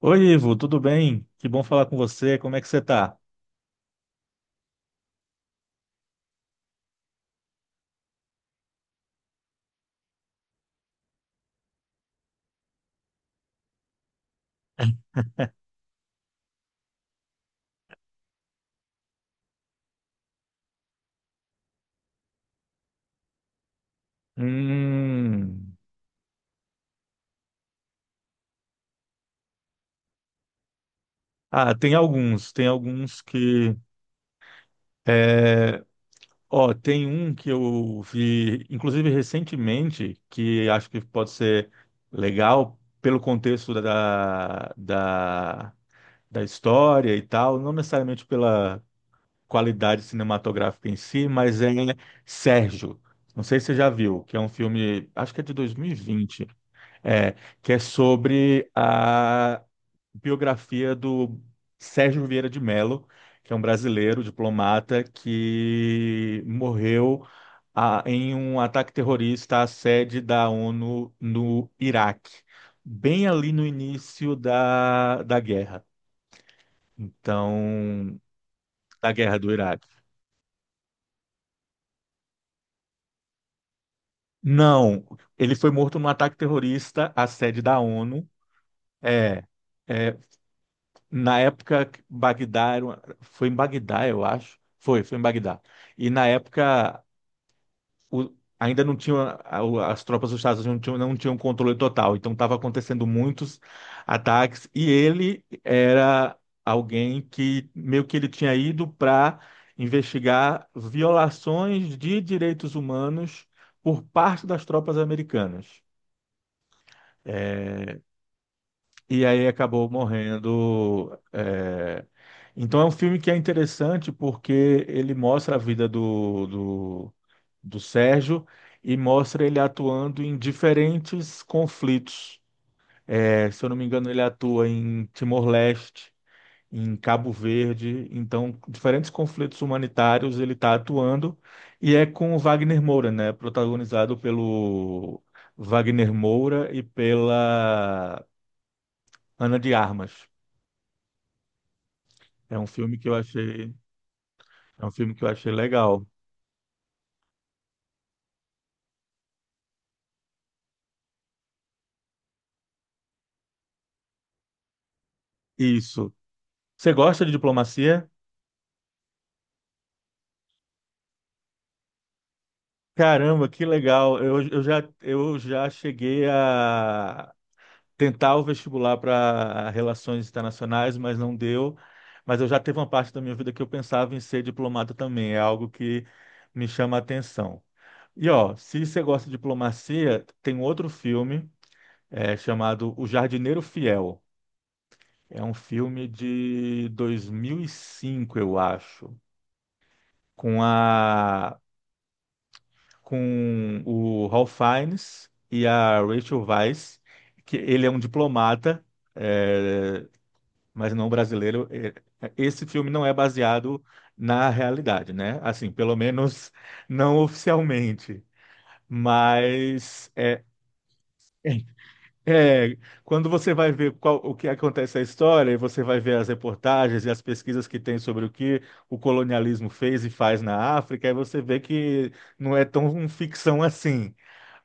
Oi, Ivo, tudo bem? Que bom falar com você. Como é que você tá? Hum. Ah, tem alguns que. É, ó, tem um que eu vi, inclusive recentemente, que acho que pode ser legal pelo contexto da história e tal, não necessariamente pela qualidade cinematográfica em si, mas é Sérgio. Não sei se você já viu, que é um filme, acho que é de 2020. É, que é sobre a biografia do Sérgio Vieira de Mello, que é um brasileiro diplomata que morreu em um ataque terrorista à sede da ONU no Iraque, bem ali no início da guerra, então, da guerra do Iraque. Não, ele foi morto num ataque terrorista à sede da ONU. É, é. Na época, Bagdá foi em Bagdá, eu acho. Foi em Bagdá. E na época, o- ainda não tinha, as tropas dos Estados Unidos não tinham controle total. Então, estava acontecendo muitos ataques. E ele era alguém que meio que ele tinha ido para investigar violações de direitos humanos por parte das tropas americanas. É, e aí acabou morrendo. É. Então é um filme que é interessante porque ele mostra a vida do Sérgio e mostra ele atuando em diferentes conflitos. É, se eu não me engano, ele atua em Timor-Leste, em Cabo Verde, então diferentes conflitos humanitários ele está atuando, e é com o Wagner Moura, né? Protagonizado pelo Wagner Moura e pela Ana de Armas. É um filme que eu achei, é um filme que eu achei legal. Isso. Você gosta de diplomacia? Caramba, que legal. Eu já cheguei a tentar o vestibular para relações internacionais, mas não deu. Mas eu já teve uma parte da minha vida que eu pensava em ser diplomata também. É algo que me chama a atenção. E ó, se você gosta de diplomacia, tem outro filme chamado O Jardineiro Fiel. É um filme de 2005, eu acho. com a com o Ralph Fiennes e a Rachel Weisz, que ele é um diplomata, é, mas não brasileiro. É, esse filme não é baseado na realidade, né? Assim, pelo menos não oficialmente. Mas é, É, quando você vai ver o que acontece na história, e você vai ver as reportagens e as pesquisas que tem sobre o que o colonialismo fez e faz na África, aí você vê que não é tão um ficção assim,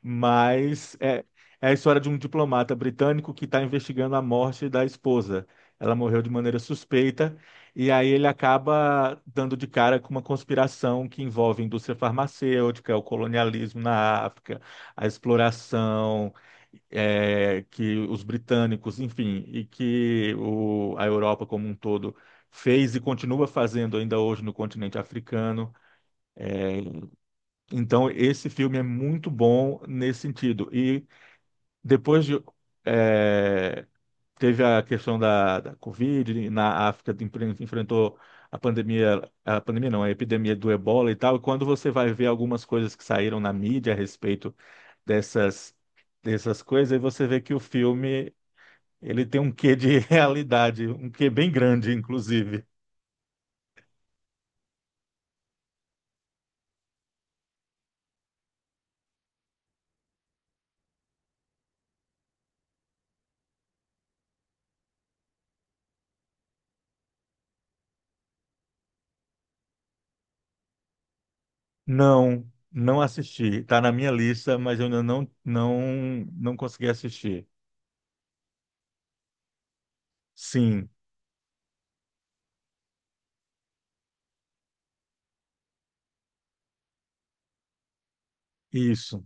mas é a história de um diplomata britânico que está investigando a morte da esposa. Ela morreu de maneira suspeita, e aí ele acaba dando de cara com uma conspiração que envolve indústria farmacêutica, o colonialismo na África, a exploração que os britânicos, enfim, e que a Europa como um todo fez e continua fazendo ainda hoje no continente africano. É, então, esse filme é muito bom nesse sentido. E depois de. é, Teve a questão da Covid, na África enfrentou. A pandemia não, a epidemia do Ebola e tal, e quando você vai ver algumas coisas que saíram na mídia a respeito dessas, dessas coisas, aí você vê que o filme ele tem um quê de realidade, um quê bem grande, inclusive. Não, não assisti. Está na minha lista, mas eu ainda não, não, não consegui assistir. Sim, isso.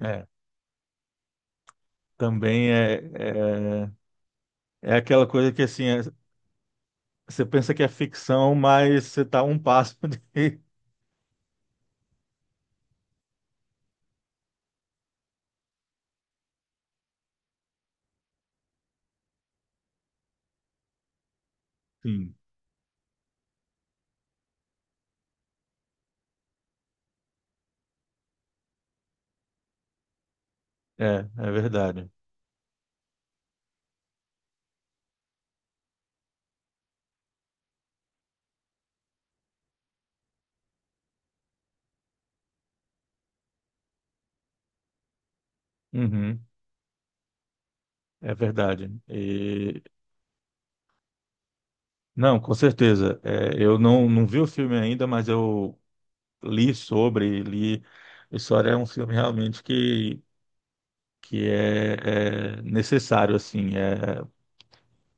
É. Também é, é aquela coisa que assim, você pensa que é ficção, mas você está um passo de. Sim, é, é verdade. Uhum, é verdade. Não, com certeza. É, eu não vi o filme ainda, mas eu li sobre, li. História é um filme realmente que é necessário, assim,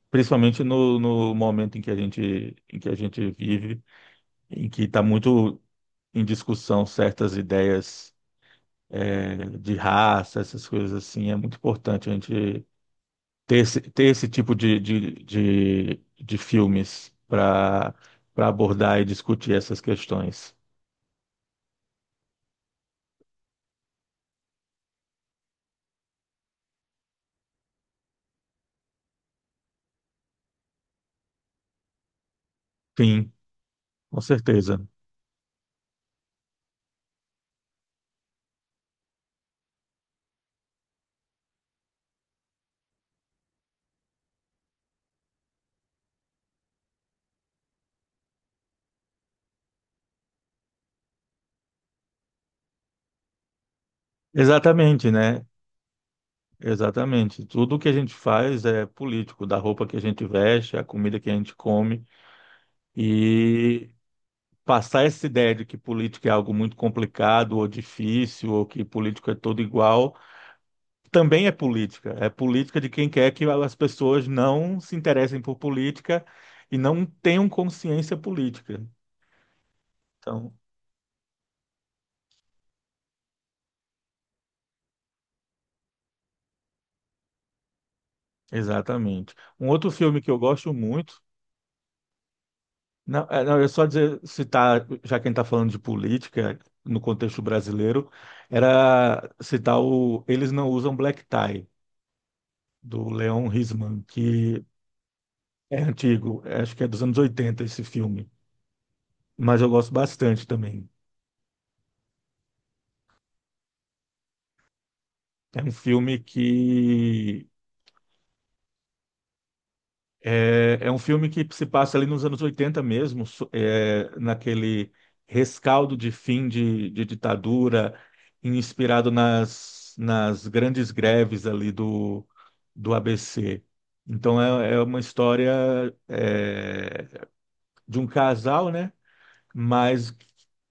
principalmente no momento em que a gente vive, em que está muito em discussão certas ideias de raça, essas coisas assim, é muito importante a gente ter esse tipo de filmes para abordar e discutir essas questões. Sim, com certeza. Exatamente, né? Exatamente. Tudo que a gente faz é político, da roupa que a gente veste, a comida que a gente come. E passar essa ideia de que política é algo muito complicado ou difícil, ou que político é todo igual, também é política. É política de quem quer que as pessoas não se interessem por política e não tenham consciência política. Então, exatamente. Um outro filme que eu gosto muito Não, não, eu só dizer, citar, já quem está falando de política no contexto brasileiro, era citar o Eles Não Usam Black Tie, do Leon Risman, que é antigo, acho que é dos anos 80 esse filme, mas eu gosto bastante também. É um filme que É um filme que se passa ali nos anos 80 mesmo, naquele rescaldo de fim de ditadura, inspirado nas grandes greves ali do ABC. Então é uma história é, de um casal, né? Mas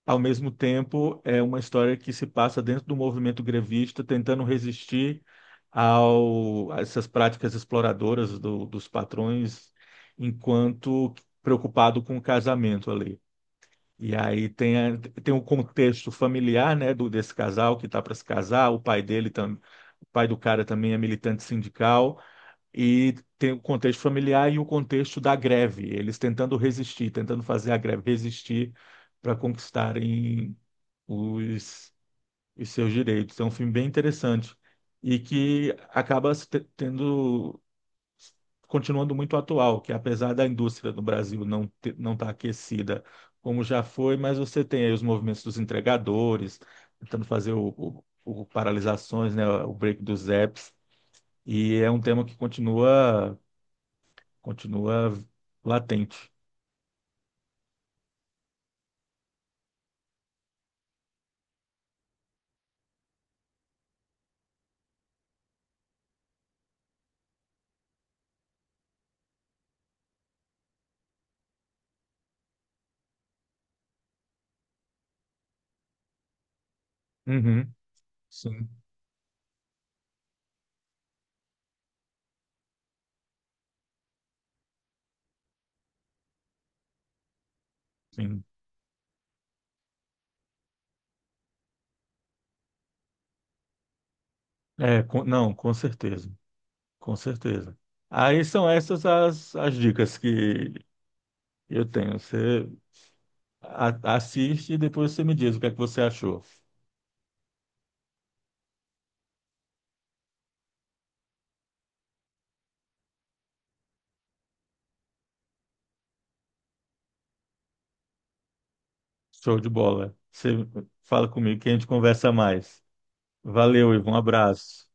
ao mesmo tempo é uma história que se passa dentro do movimento grevista, tentando resistir a essas práticas exploradoras dos patrões, enquanto preocupado com o casamento ali. E aí tem o contexto familiar, né, desse casal que está para se casar, o pai dele, o pai do cara também é militante sindical, e tem o contexto familiar e o contexto da greve, eles tentando resistir, tentando fazer a greve resistir para conquistarem os, os seus direitos. É um filme bem interessante e que acaba se te- tendo continuando muito atual, que apesar da indústria do Brasil não estar aquecida como já foi, mas você tem aí os movimentos dos entregadores tentando fazer o paralisações, né, o break dos apps. E é um tema que continua continua latente. Uhum, sim. Sim. É, não, com certeza, com certeza. Aí são essas as dicas que eu tenho. Você assiste e depois você me diz o que é que você achou. Show de bola. Você fala comigo que a gente conversa mais. Valeu, Ivo, um abraço.